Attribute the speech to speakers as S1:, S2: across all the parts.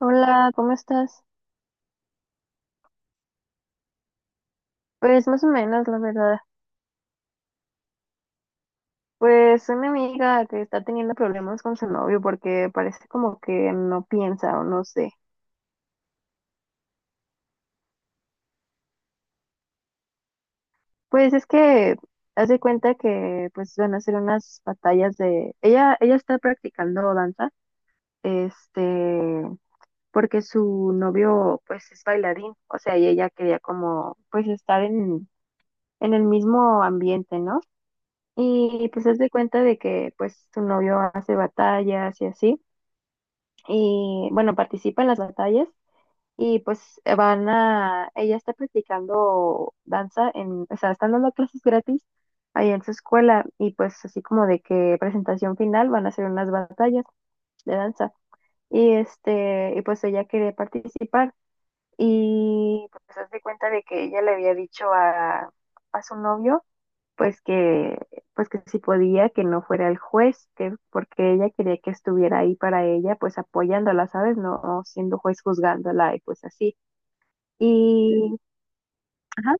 S1: Hola, ¿cómo estás? Pues más o menos, la verdad. Pues una amiga que está teniendo problemas con su novio porque parece como que no piensa o no sé. Pues es que hace cuenta que pues van a hacer unas batallas Ella está practicando danza, este, porque su novio pues es bailarín, o sea, y ella quería como pues estar en el mismo ambiente, ¿no? Y pues hace cuenta de que pues su novio hace batallas y así. Y bueno, participa en las batallas y pues ella está practicando danza en, o sea, están dando clases gratis ahí en su escuela y pues así como de que presentación final van a hacer unas batallas de danza y y pues ella quiere participar y pues se hace cuenta de que ella le había dicho a su novio pues que, pues que si podía, que no fuera el juez, que porque ella quería que estuviera ahí para ella, pues apoyándola, ¿sabes? No siendo juez juzgándola y pues así. Y, ajá,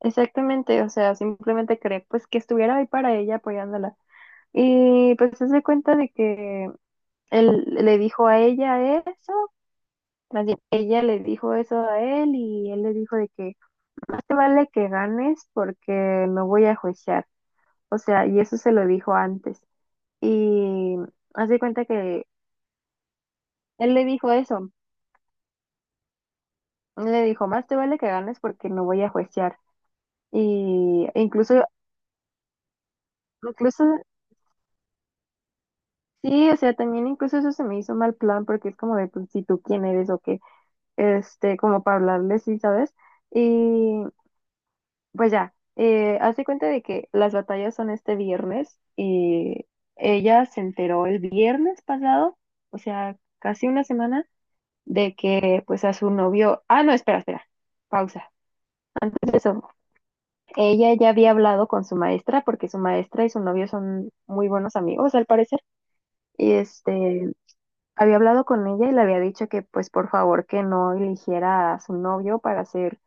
S1: exactamente, o sea, simplemente quería pues que estuviera ahí para ella apoyándola. Y pues se hace cuenta de que él le dijo a ella eso, más bien, ella le dijo eso a él y él le dijo de que no te vale que ganes porque no voy a juiciar. O sea, y eso se lo dijo antes. Y hace cuenta que él le dijo eso. Él le dijo, más te vale que ganes porque no voy a juiciar. Y incluso, sí, o sea, también incluso eso se me hizo mal plan porque es como de, pues, si tú quién eres o qué, como para hablarle, sí, ¿sabes? Y pues ya, hace cuenta de que las batallas son este viernes y ella se enteró el viernes pasado, o sea, casi una semana, de que pues a su novio, no, espera, espera, pausa. Pues eso, ella ya había hablado con su maestra, porque su maestra y su novio son muy buenos amigos, al parecer, y había hablado con ella y le había dicho que, pues, por favor, que no eligiera a su novio para ser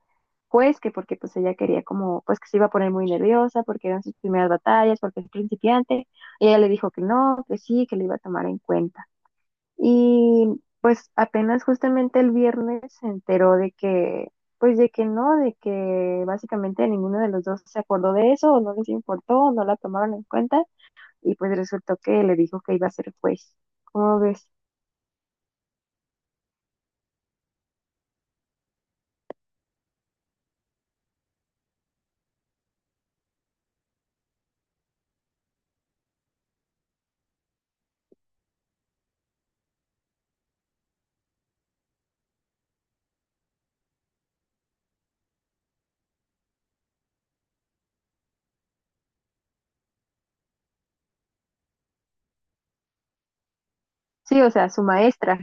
S1: juez, que porque, pues, ella quería como, pues, que se iba a poner muy nerviosa, porque eran sus primeras batallas, porque es principiante, y ella le dijo que no, que sí, que le iba a tomar en cuenta. Y pues apenas justamente el viernes se enteró de que, pues de que no, de que básicamente ninguno de los dos se acordó de eso, o no les importó, o no la tomaron en cuenta, y pues resultó que le dijo que iba a ser juez. ¿Cómo ves? Sí, o sea, su maestra.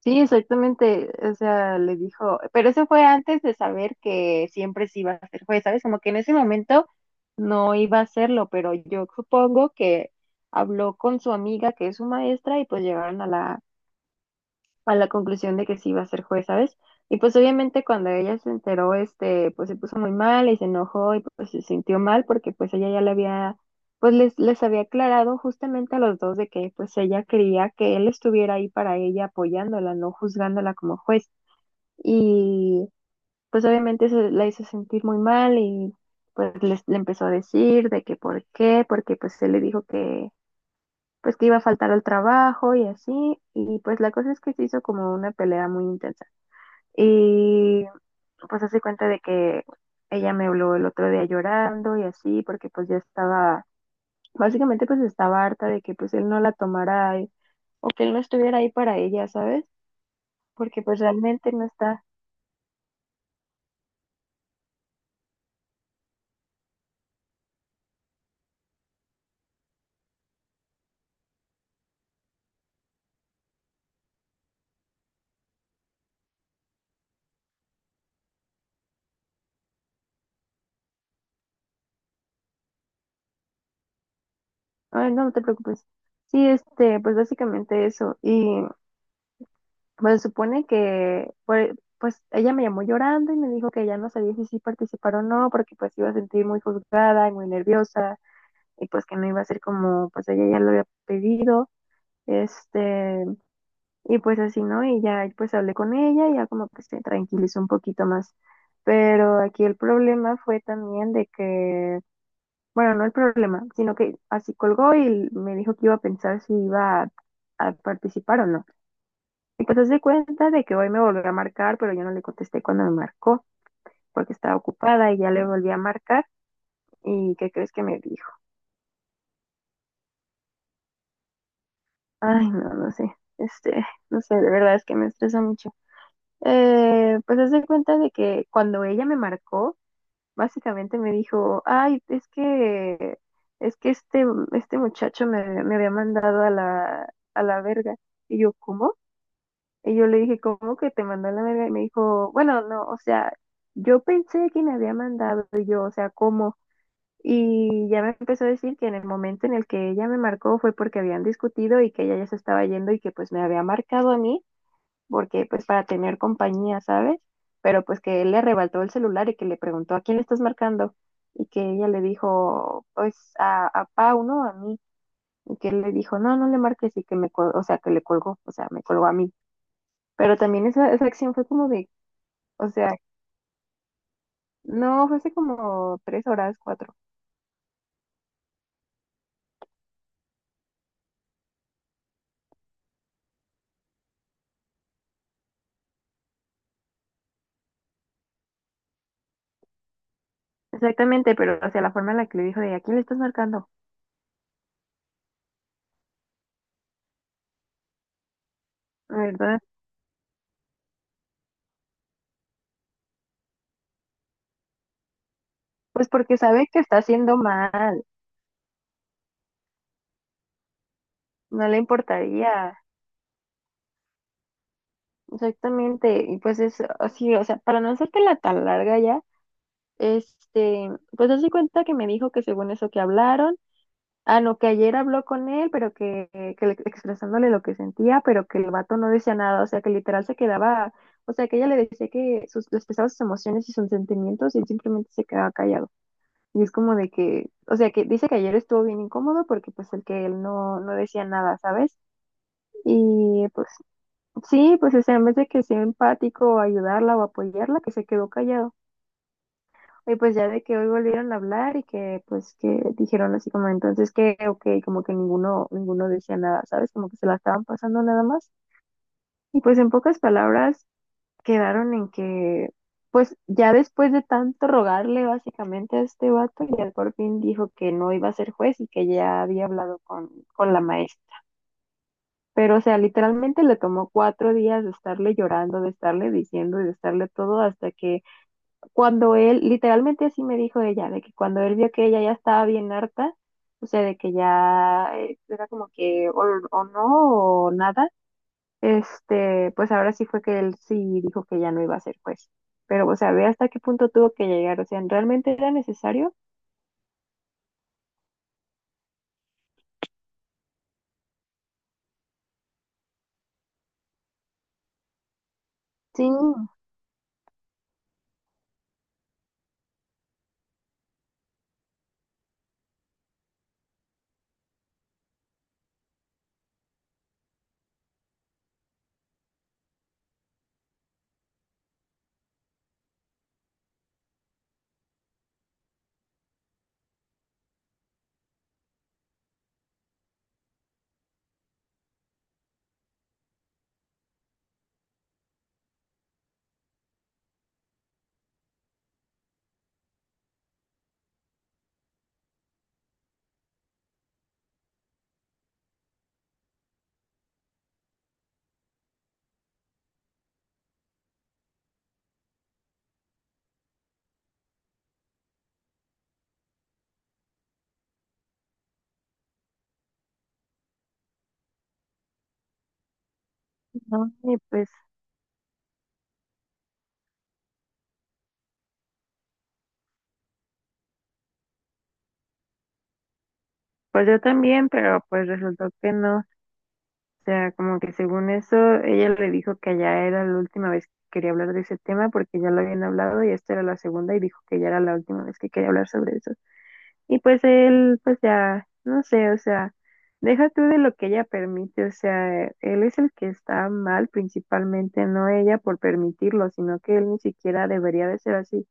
S1: Sí, exactamente. O sea, le dijo, pero eso fue antes de saber que siempre sí iba a ser juez, ¿sabes? Como que en ese momento no iba a hacerlo, pero yo supongo que habló con su amiga que es su maestra y pues llegaron a la conclusión de que sí iba a ser juez, ¿sabes? Y pues obviamente cuando ella se enteró, pues se puso muy mal y se enojó y pues se sintió mal porque pues ella ya le había, pues les había aclarado justamente a los dos de que pues ella quería que él estuviera ahí para ella apoyándola, no juzgándola como juez. Y pues obviamente eso la hizo sentir muy mal y pues le empezó a decir de que por qué, porque pues él le dijo que pues que iba a faltar al trabajo y así, y pues la cosa es que se hizo como una pelea muy intensa. Y pues hace cuenta de que ella me habló el otro día llorando y así, porque pues ya estaba, básicamente pues estaba harta de que pues él no la tomara o que él no estuviera ahí para ella, ¿sabes? Porque pues realmente no está. Ay, no, no te preocupes. Sí, pues básicamente eso. Y pues se supone que, pues ella me llamó llorando y me dijo que ya no sabía si sí participar o no, porque pues iba a sentir muy juzgada y muy nerviosa y pues que no iba a ser como, pues ella ya lo había pedido. Este, y pues así, ¿no? Y ya pues hablé con ella y ya como que se tranquilizó un poquito más. Pero aquí el problema fue también de que, bueno, no el problema, sino que así colgó y me dijo que iba a pensar si iba a participar o no. Y pues se cuenta de que hoy me volvió a marcar, pero yo no le contesté cuando me marcó, porque estaba ocupada y ya le volví a marcar. ¿Y qué crees que me dijo? Ay, no, no sé. No sé, de verdad es que me estresa mucho. Pues haz de cuenta de que cuando ella me marcó, básicamente me dijo, ay, es que este muchacho me había mandado a la verga. Y yo, ¿cómo? Y yo le dije, ¿cómo que te mandó a la verga? Y me dijo, bueno, no, o sea, yo pensé que me había mandado y yo, o sea, ¿cómo? Y ya me empezó a decir que en el momento en el que ella me marcó fue porque habían discutido y que ella ya se estaba yendo y que pues me había marcado a mí porque pues para tener compañía, ¿sabes? Pero pues que él le arrebató el celular y que le preguntó, ¿a quién le estás marcando? Y que ella le dijo, pues a Pau, ¿no? A mí. Y que él le dijo, no, no le marques y que o sea, que le colgó, o sea, me colgó a mí. Pero también esa acción fue como de, o sea, no, fue hace como 3 horas, cuatro. Exactamente, pero o sea, la forma en la que le dijo de, ¿a quién le estás marcando? ¿Verdad? Pues porque sabe que está haciendo mal, no le importaría. Exactamente, y pues es así, o sea, para no hacértela tan larga ya, este, pues hace cuenta que me dijo que según eso que hablaron, no, que ayer habló con él, expresándole lo que sentía, pero que el vato no decía nada, o sea, que literal se quedaba, o sea, que ella le decía que le expresaba sus emociones y sus sentimientos y él simplemente se quedaba callado. Y es como de que, o sea, que dice que ayer estuvo bien incómodo porque pues el que él no decía nada, ¿sabes? Y pues sí, pues o sea, en vez de que sea empático o ayudarla o apoyarla, que se quedó callado. Y pues ya de que hoy volvieron a hablar y que pues que dijeron así como entonces que ok, como que ninguno decía nada, ¿sabes? Como que se la estaban pasando nada más. Y pues en pocas palabras quedaron en que pues ya después de tanto rogarle básicamente a este vato, ya por fin dijo que no iba a ser juez y que ya había hablado con la maestra. Pero, o sea, literalmente le tomó 4 días de estarle llorando, de estarle diciendo y de estarle todo hasta que cuando él, literalmente así me dijo ella, de que cuando él vio que ella ya estaba bien harta, o sea, de que ya era como que o no o nada, pues ahora sí fue que él sí dijo que ya no iba a ser juez. Pero, o sea, ve hasta qué punto tuvo que llegar, o sea, ¿realmente era necesario? Sí, no, y pues yo también, pero pues resultó que no. O sea, como que según eso, ella le dijo que ya era la última vez que quería hablar de ese tema porque ya lo habían hablado y esta era la segunda y dijo que ya era la última vez que quería hablar sobre eso. Y pues él, pues ya, no sé, o sea, deja tú de lo que ella permite, o sea, él es el que está mal principalmente, no ella por permitirlo, sino que él ni siquiera debería de ser así.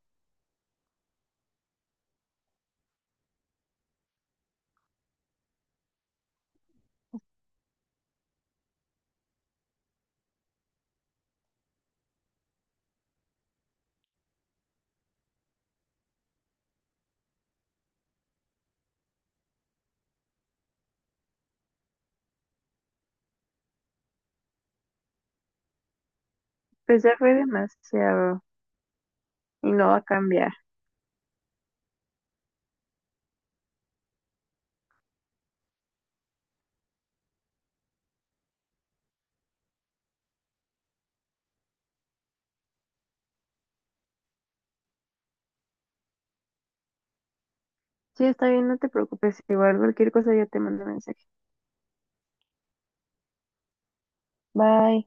S1: Pues ya fue demasiado y no va a cambiar. Sí, está bien, no te preocupes, igual cualquier cosa yo te mando mensaje. Bye.